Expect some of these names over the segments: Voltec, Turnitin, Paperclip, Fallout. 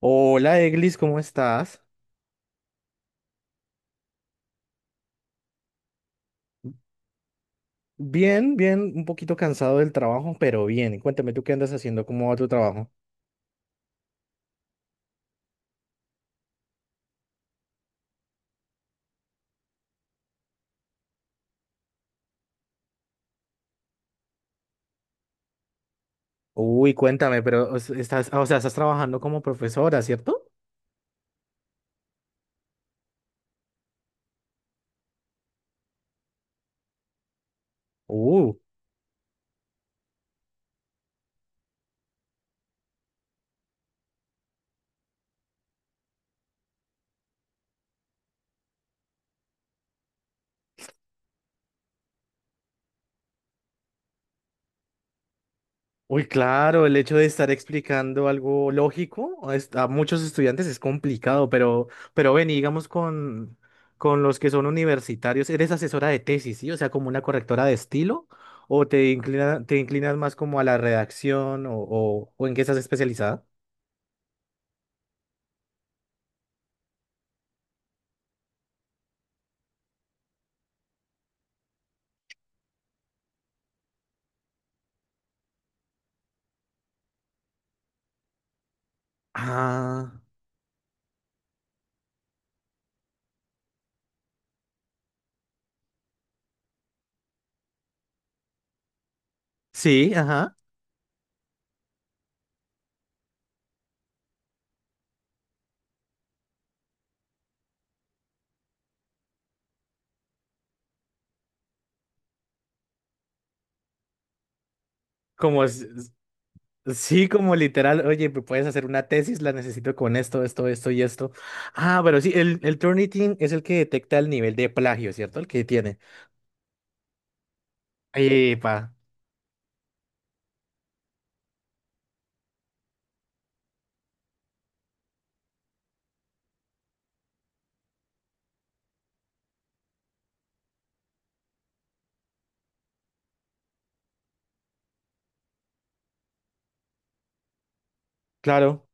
Hola, Eglis, ¿cómo estás? Bien, bien, un poquito cansado del trabajo, pero bien. Cuéntame, ¿tú qué andas haciendo? ¿Cómo va tu trabajo? Uy, cuéntame, pero o sea, estás trabajando como profesora, ¿cierto? Uh, Uy, claro, el hecho de estar explicando algo lógico a muchos estudiantes es complicado, pero, ven, y digamos con los que son universitarios, eres asesora de tesis, ¿sí? O sea, como una correctora de estilo, o te inclinas más como a la redacción, o ¿en qué estás especializada? Ah, sí, ajá. Como, sí, como literal, oye, me puedes hacer una tesis, la necesito con esto, esto, esto y esto. Ah, pero sí, el Turnitin es el que detecta el nivel de plagio, ¿cierto? El que tiene. Epa, claro,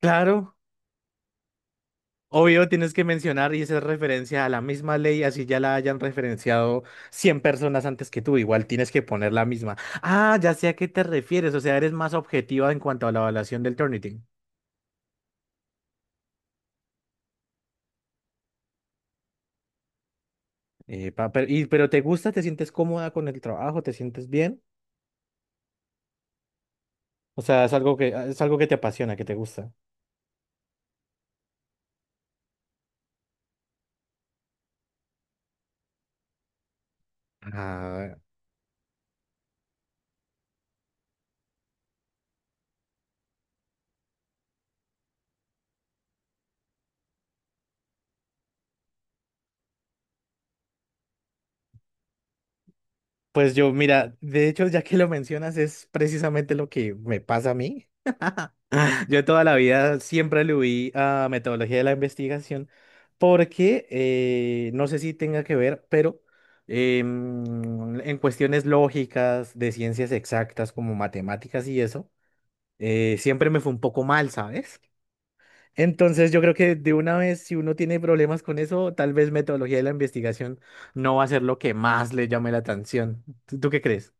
claro. Obvio, tienes que mencionar y hacer referencia a la misma ley, así ya la hayan referenciado 100 personas antes que tú, igual tienes que poner la misma. Ah, ya sé a qué te refieres, o sea, eres más objetiva en cuanto a la evaluación del Turnitin. Epa, pero ¿te gusta? ¿Te sientes cómoda con el trabajo? ¿Te sientes bien? O sea, es algo que te apasiona, que te gusta. Ah. Pues yo, mira, de hecho, ya que lo mencionas, es precisamente lo que me pasa a mí. Yo toda la vida siempre le huí a metodología de la investigación porque no sé si tenga que ver, pero en cuestiones lógicas, de ciencias exactas como matemáticas y eso, siempre me fue un poco mal, ¿sabes? Entonces yo creo que de una vez, si uno tiene problemas con eso, tal vez metodología de la investigación no va a ser lo que más le llame la atención. ¿Tú qué crees?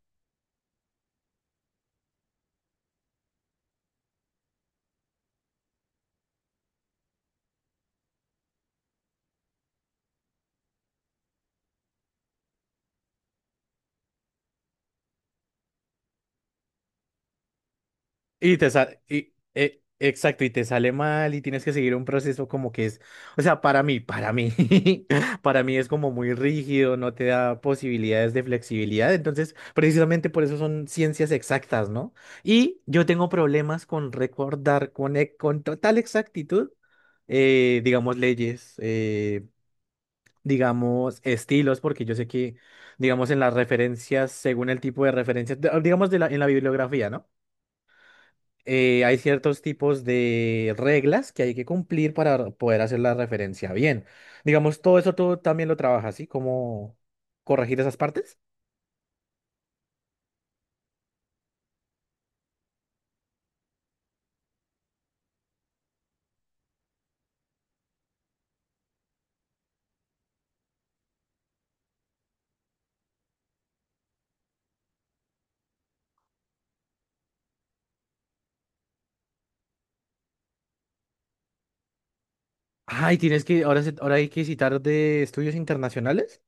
Exacto, y te sale mal y tienes que seguir un proceso como que es, o sea, para mí es como muy rígido, no te da posibilidades de flexibilidad. Entonces, precisamente por eso son ciencias exactas, ¿no? Y yo tengo problemas con recordar con total exactitud, digamos, leyes. Digamos, estilos, porque yo sé que, digamos, en las referencias, según el tipo de referencias digamos, en la bibliografía, ¿no? Hay ciertos tipos de reglas que hay que cumplir para poder hacer la referencia bien. Digamos, todo eso tú también lo trabajas, ¿sí? ¿Cómo corregir esas partes? Ay, tienes que, ahora, ahora hay que citar de estudios internacionales.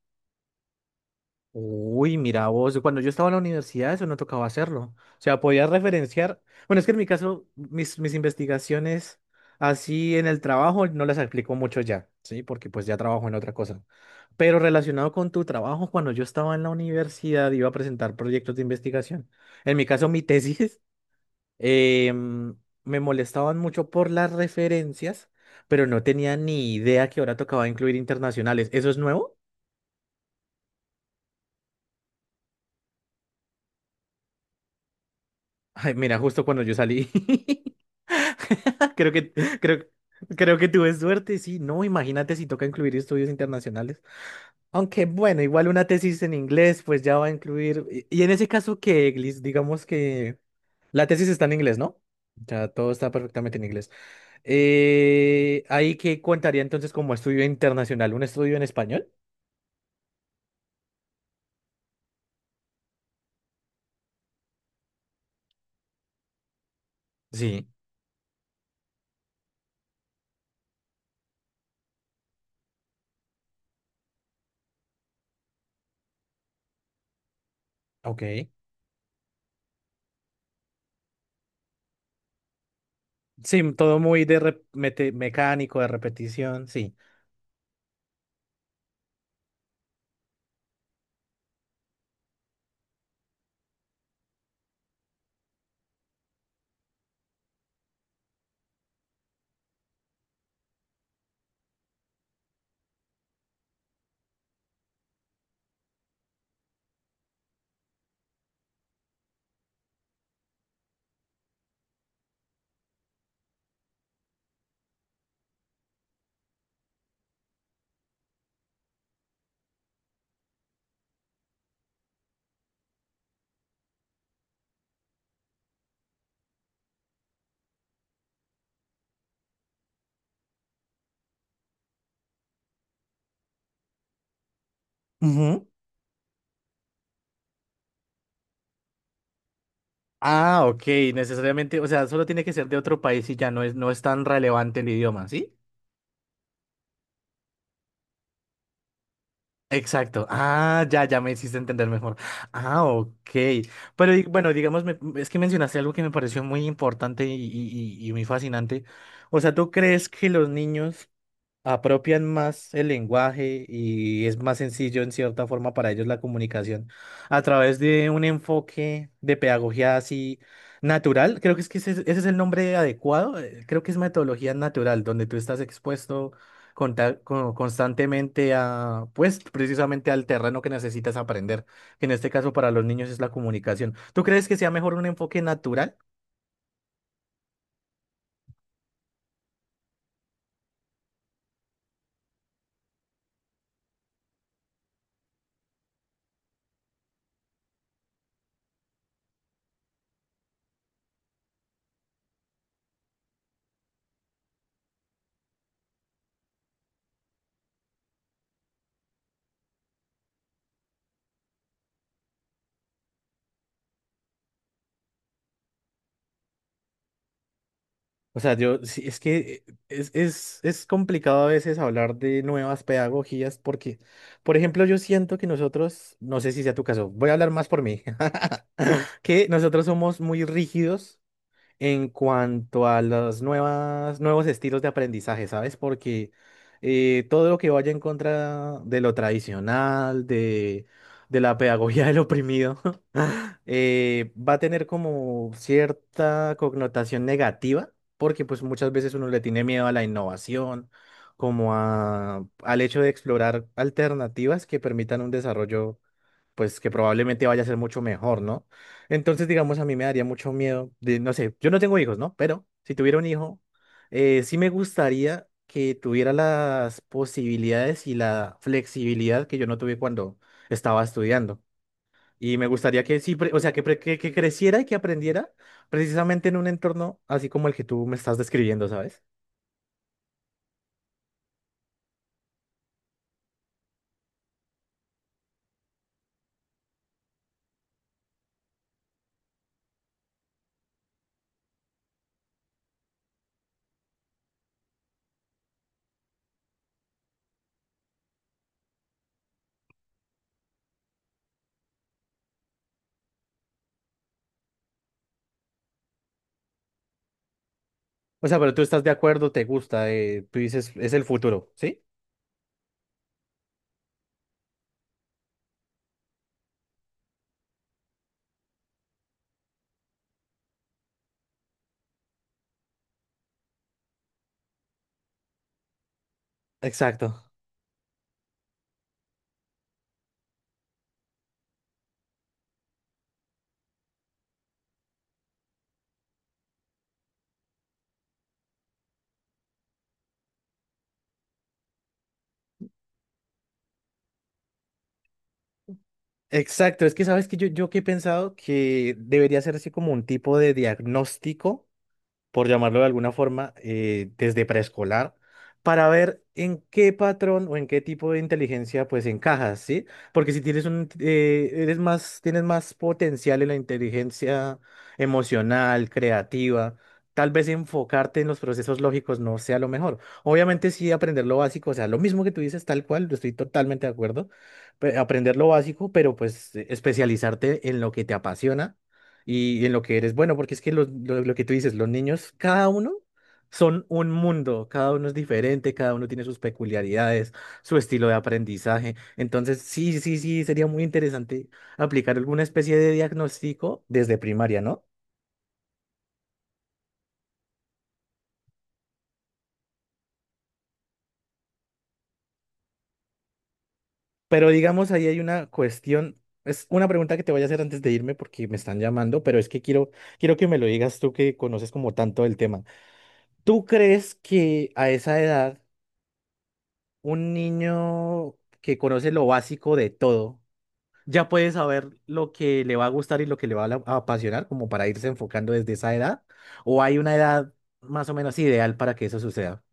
Uy, mira vos, cuando yo estaba en la universidad eso no tocaba hacerlo. O sea, podías referenciar. Bueno, es que en mi caso, mis investigaciones así en el trabajo no las aplico mucho ya, ¿sí? Porque pues ya trabajo en otra cosa. Pero relacionado con tu trabajo, cuando yo estaba en la universidad iba a presentar proyectos de investigación. En mi caso, mi tesis, em, me molestaban mucho por las referencias, pero no tenía ni idea que ahora tocaba incluir internacionales. ¿Eso es nuevo? Ay, mira, justo cuando yo salí. Creo que, creo, creo que tuve suerte, sí. No, imagínate si toca incluir estudios internacionales. Aunque bueno, igual una tesis en inglés, pues ya va a incluir. Y en ese caso que, Liz, digamos que la tesis está en inglés, ¿no? Ya todo está perfectamente en inglés. ¿Ahí qué contaría entonces como estudio internacional? ¿Un estudio en español? Sí. Ok. Sí, todo muy de mecánico, de repetición, sí. Ah, ok, necesariamente, o sea, solo tiene que ser de otro país y ya no es tan relevante el idioma, ¿sí? Exacto. Ah, ya, ya me hiciste entender mejor. Ah, ok. Pero bueno, digamos, es que mencionaste algo que me pareció muy importante y muy fascinante. O sea, ¿tú crees que los niños apropian más el lenguaje y es más sencillo en cierta forma para ellos la comunicación a través de un enfoque de pedagogía así natural? Creo que es que ese es el nombre adecuado. Creo que es metodología natural, donde tú estás expuesto constantemente pues, precisamente al terreno que necesitas aprender, que en este caso para los niños es la comunicación. ¿Tú crees que sea mejor un enfoque natural? O sea, yo, sí, es que es complicado a veces hablar de nuevas pedagogías porque, por ejemplo, yo siento que nosotros, no sé si sea tu caso, voy a hablar más por mí, que nosotros somos muy rígidos en cuanto a los nuevos estilos de aprendizaje, ¿sabes? Porque todo lo que vaya en contra de lo tradicional, de la pedagogía del oprimido, va a tener como cierta connotación negativa, porque pues muchas veces uno le tiene miedo a la innovación, como al hecho de explorar alternativas que permitan un desarrollo, pues que probablemente vaya a ser mucho mejor, ¿no? Entonces, digamos, a mí me daría mucho miedo de, no sé, yo no tengo hijos, ¿no? Pero si tuviera un hijo, sí me gustaría que tuviera las posibilidades y la flexibilidad que yo no tuve cuando estaba estudiando. Y me gustaría que sí, o sea, que creciera y que aprendiera precisamente en un entorno así como el que tú me estás describiendo, ¿sabes? O sea, pero tú estás de acuerdo, te gusta, tú dices, es el futuro, ¿sí? Exacto. Exacto, es que sabes que yo que he pensado que debería ser así como un tipo de diagnóstico por llamarlo de alguna forma, desde preescolar, para ver en qué patrón o en qué tipo de inteligencia pues encajas, ¿sí? Porque si tienes tienes más potencial en la inteligencia emocional, creativa, tal vez enfocarte en los procesos lógicos no sea lo mejor. Obviamente sí aprender lo básico, o sea, lo mismo que tú dices, tal cual, estoy totalmente de acuerdo, aprender lo básico, pero pues especializarte en lo que te apasiona y en lo que eres bueno, porque es que lo que tú dices, los niños, cada uno son un mundo, cada uno es diferente, cada uno tiene sus peculiaridades, su estilo de aprendizaje. Entonces, sí, sí, sí, sería muy interesante aplicar alguna especie de diagnóstico desde primaria, ¿no? Pero digamos, ahí hay una cuestión, es una pregunta que te voy a hacer antes de irme porque me están llamando, pero es que quiero que me lo digas tú que conoces como tanto el tema. ¿Tú crees que a esa edad un niño que conoce lo básico de todo, ya puede saber lo que le va a gustar y lo que le va a apasionar, como para irse enfocando desde esa edad, o hay una edad más o menos ideal para que eso suceda?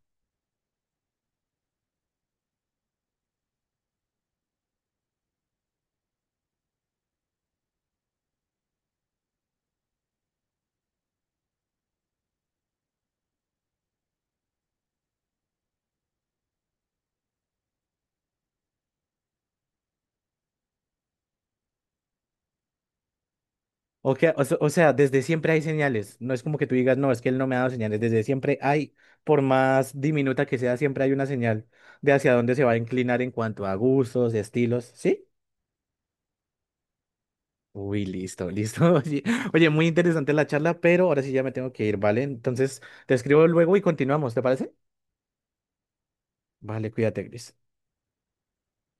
O, que- o se- o sea, desde siempre hay señales, no es como que tú digas, no, es que él no me ha dado señales, desde siempre hay, por más diminuta que sea, siempre hay una señal de hacia dónde se va a inclinar en cuanto a gustos, estilos, ¿sí? Uy, listo, listo. Oye, muy interesante la charla, pero ahora sí ya me tengo que ir, ¿vale? Entonces, te escribo luego y continuamos, ¿te parece? Vale, cuídate, Gris.